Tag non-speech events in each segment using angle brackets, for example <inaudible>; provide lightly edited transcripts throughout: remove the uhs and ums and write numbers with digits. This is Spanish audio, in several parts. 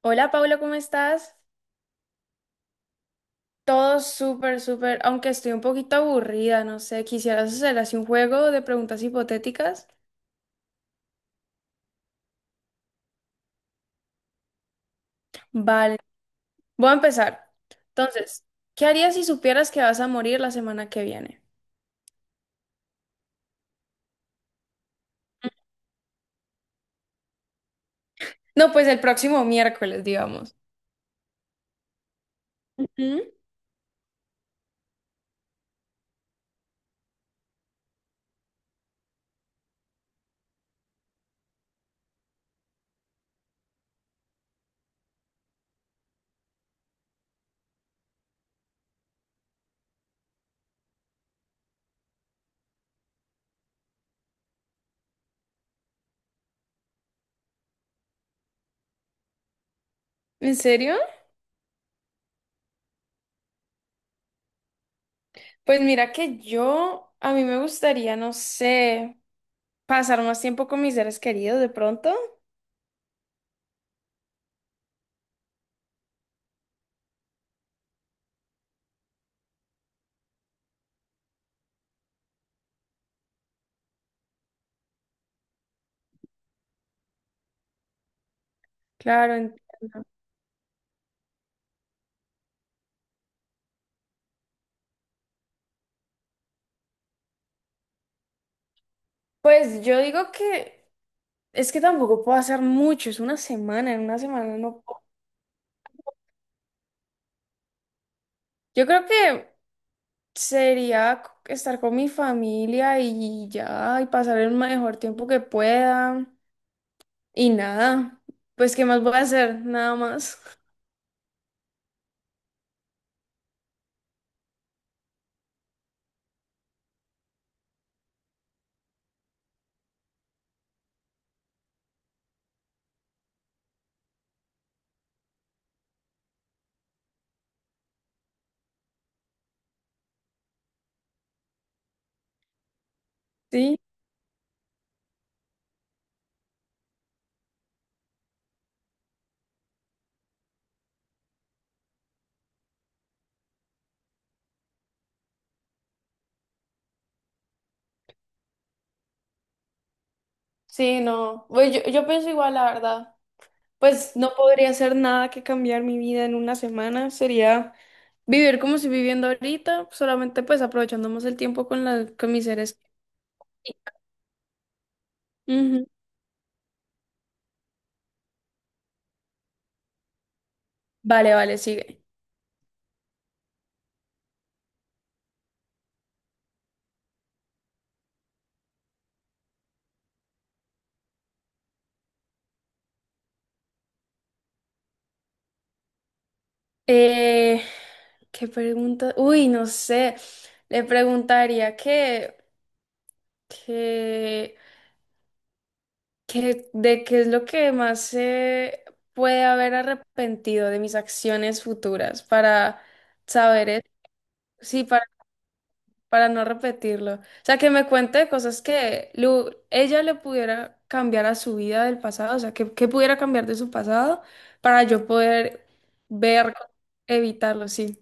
Hola Paula, ¿cómo estás? Todo súper, súper, aunque estoy un poquito aburrida, no sé, quisieras hacer así un juego de preguntas hipotéticas. Vale, voy a empezar. Entonces, ¿qué harías si supieras que vas a morir la semana que viene? No, pues el próximo miércoles, digamos. ¿Mm? ¿En serio? Pues mira que yo, a mí me gustaría, no sé, pasar más tiempo con mis seres queridos de pronto. Claro, pues yo digo que es que tampoco puedo hacer mucho, es una semana, en una semana no. Yo creo que sería estar con mi familia y ya, y pasar el mejor tiempo que pueda. Y nada, pues ¿qué más voy a hacer? Nada más. <laughs> Sí. Sí, no. Pues yo pienso igual, la verdad. Pues no podría hacer nada que cambiar mi vida en una semana. Sería vivir como estoy viviendo ahorita, solamente pues aprovechando más el tiempo con, la, con mis seres. Ujú. Vale, vale, sigue. Eh, ¿Qué pregunta? Uy, no sé. Le preguntaría que, que de qué es lo que más se puede haber arrepentido de mis acciones futuras para saber, sí, para no repetirlo. O sea, que me cuente cosas que ella le pudiera cambiar a su vida del pasado, o sea, que pudiera cambiar de su pasado para yo poder ver, evitarlo, sí.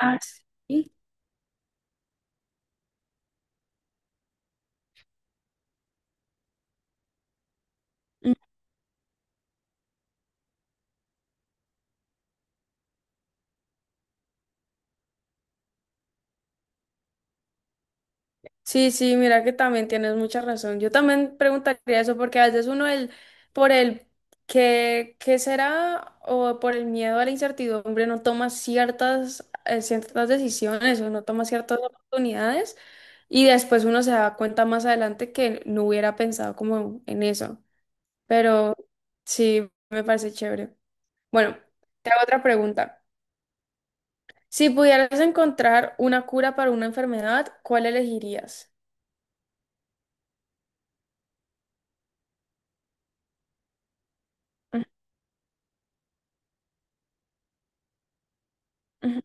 Ah, sí. Sí, sí, mira que también tienes mucha razón. Yo también preguntaría eso porque a veces uno el, por el que, qué será o por el miedo a la incertidumbre no toma ciertas, ciertas decisiones o no toma ciertas oportunidades y después uno se da cuenta más adelante que no hubiera pensado como en eso. Pero sí, me parece chévere. Bueno, te hago otra pregunta. Si pudieras encontrar una cura para una enfermedad, ¿cuál elegirías? Ujú, ujú,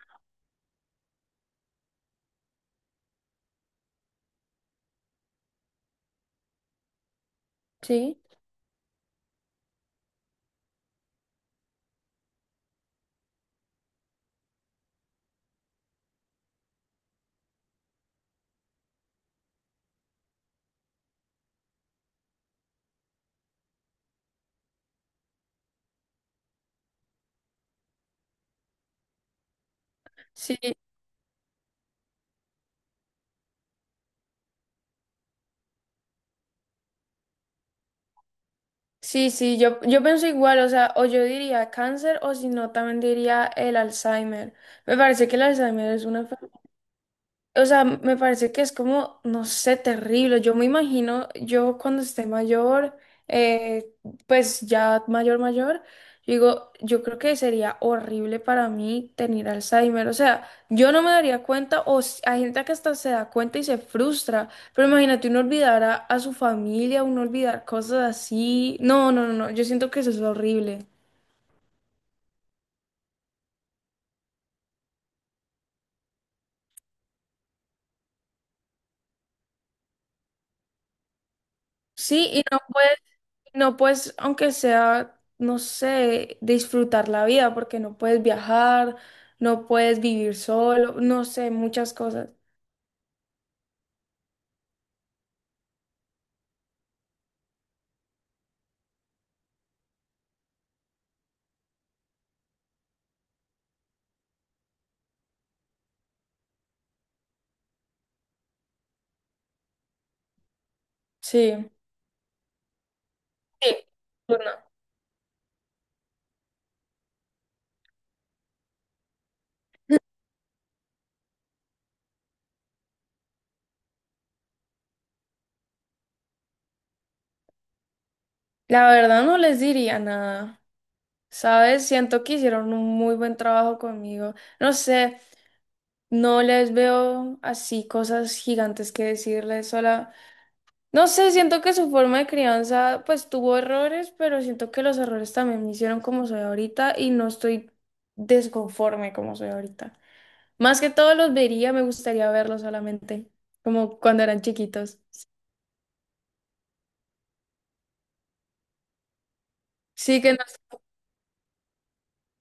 sí. Sí, sí, sí, yo pienso igual, o sea, o yo diría cáncer o si no, también diría el Alzheimer. Me parece que el Alzheimer es una enfermedad. O sea, me parece que es como, no sé, terrible. Yo me imagino, yo cuando esté mayor, eh, pues ya mayor, mayor, yo digo, yo creo que sería horrible para mí tener Alzheimer. O sea, yo no me daría cuenta, hay gente que hasta se da cuenta y se frustra, pero imagínate uno olvidar a su familia, uno olvidar cosas así. No, no, no, no, yo siento que eso es horrible. Sí, y no puede. No, pues, aunque sea, no sé, disfrutar la vida, porque no puedes viajar, no puedes vivir solo, no sé, muchas cosas. Sí. Sí, pues no. La verdad no les diría nada. ¿Sabes? Siento que hicieron un muy buen trabajo conmigo. No sé, no les veo así cosas gigantes que decirles. Solo, no sé, siento que su forma de crianza pues tuvo errores, pero siento que los errores también me hicieron como soy ahorita y no estoy desconforme como soy ahorita. Más que todo los vería, me gustaría verlos solamente, como cuando eran chiquitos. Sí que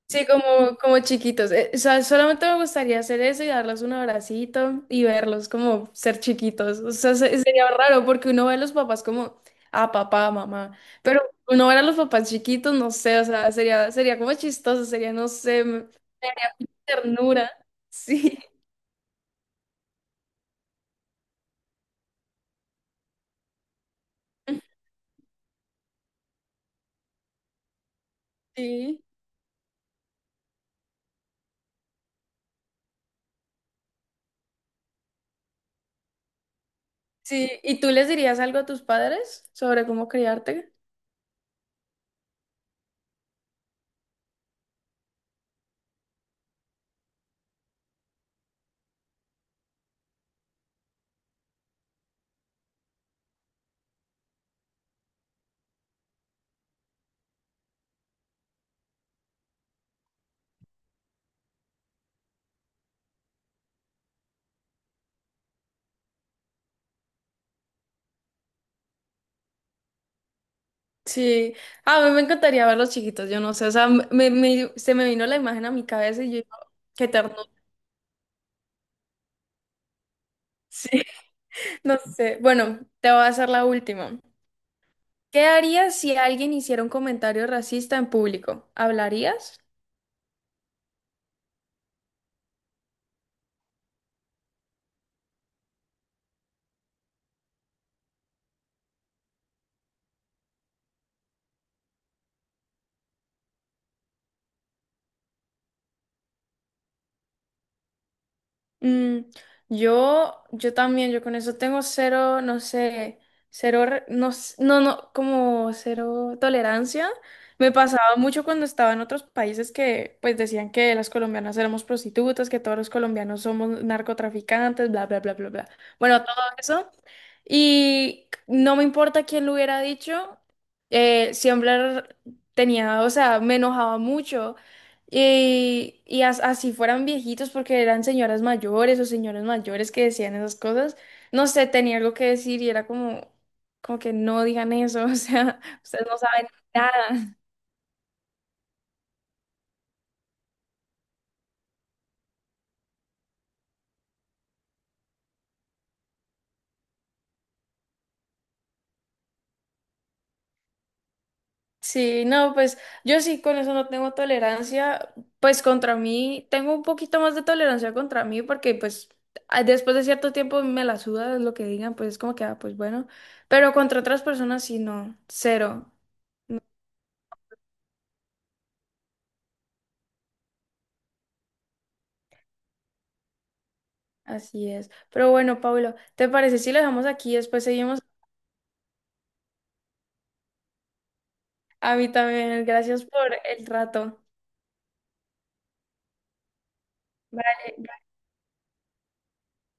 sí, como, como chiquitos. O sea, solamente me gustaría hacer eso y darles un abracito y verlos como ser chiquitos. O sea, sería raro porque uno ve a los papás como, ah, papá, mamá. Pero uno ver a los papás chiquitos, no sé, o sea, sería, sería como chistoso, sería, no sé, me daría ternura. Sí, <laughs> sí, sí. ¿Y tú les dirías algo a tus padres sobre cómo criarte? Sí, a mí me encantaría verlos chiquitos, yo no sé, o sea, me, se me vino la imagen a mi cabeza y yo, qué ternura. <laughs> Sí. No sé. Bueno, te voy a hacer la última. ¿Qué harías si alguien hiciera un comentario racista en público? ¿Hablarías? Mm, yo también, yo con eso tengo cero, no sé, cero, no, no, no, como cero tolerancia. Me pasaba mucho cuando estaba en otros países que pues decían que las colombianas éramos prostitutas, que todos los colombianos somos narcotraficantes, bla, bla, bla, bla, bla. Bueno, todo eso. Y no me importa quién lo hubiera dicho, siempre tenía, o sea, me enojaba mucho y así fueran viejitos, porque eran señoras mayores o señores mayores que decían esas cosas, no sé, tenía algo que decir y era como, como que no digan eso, <laughs> o sea, ustedes no saben nada. Sí, no, pues yo sí con eso no tengo tolerancia, pues contra mí, tengo un poquito más de tolerancia contra mí, porque pues después de cierto tiempo me la suda lo que digan, pues es como que, ah, pues bueno, pero contra otras personas sí, no, cero. Así es. Pero bueno, Pablo, ¿te parece si lo dejamos aquí? Y después seguimos. A mí también. Gracias por el rato. Vale,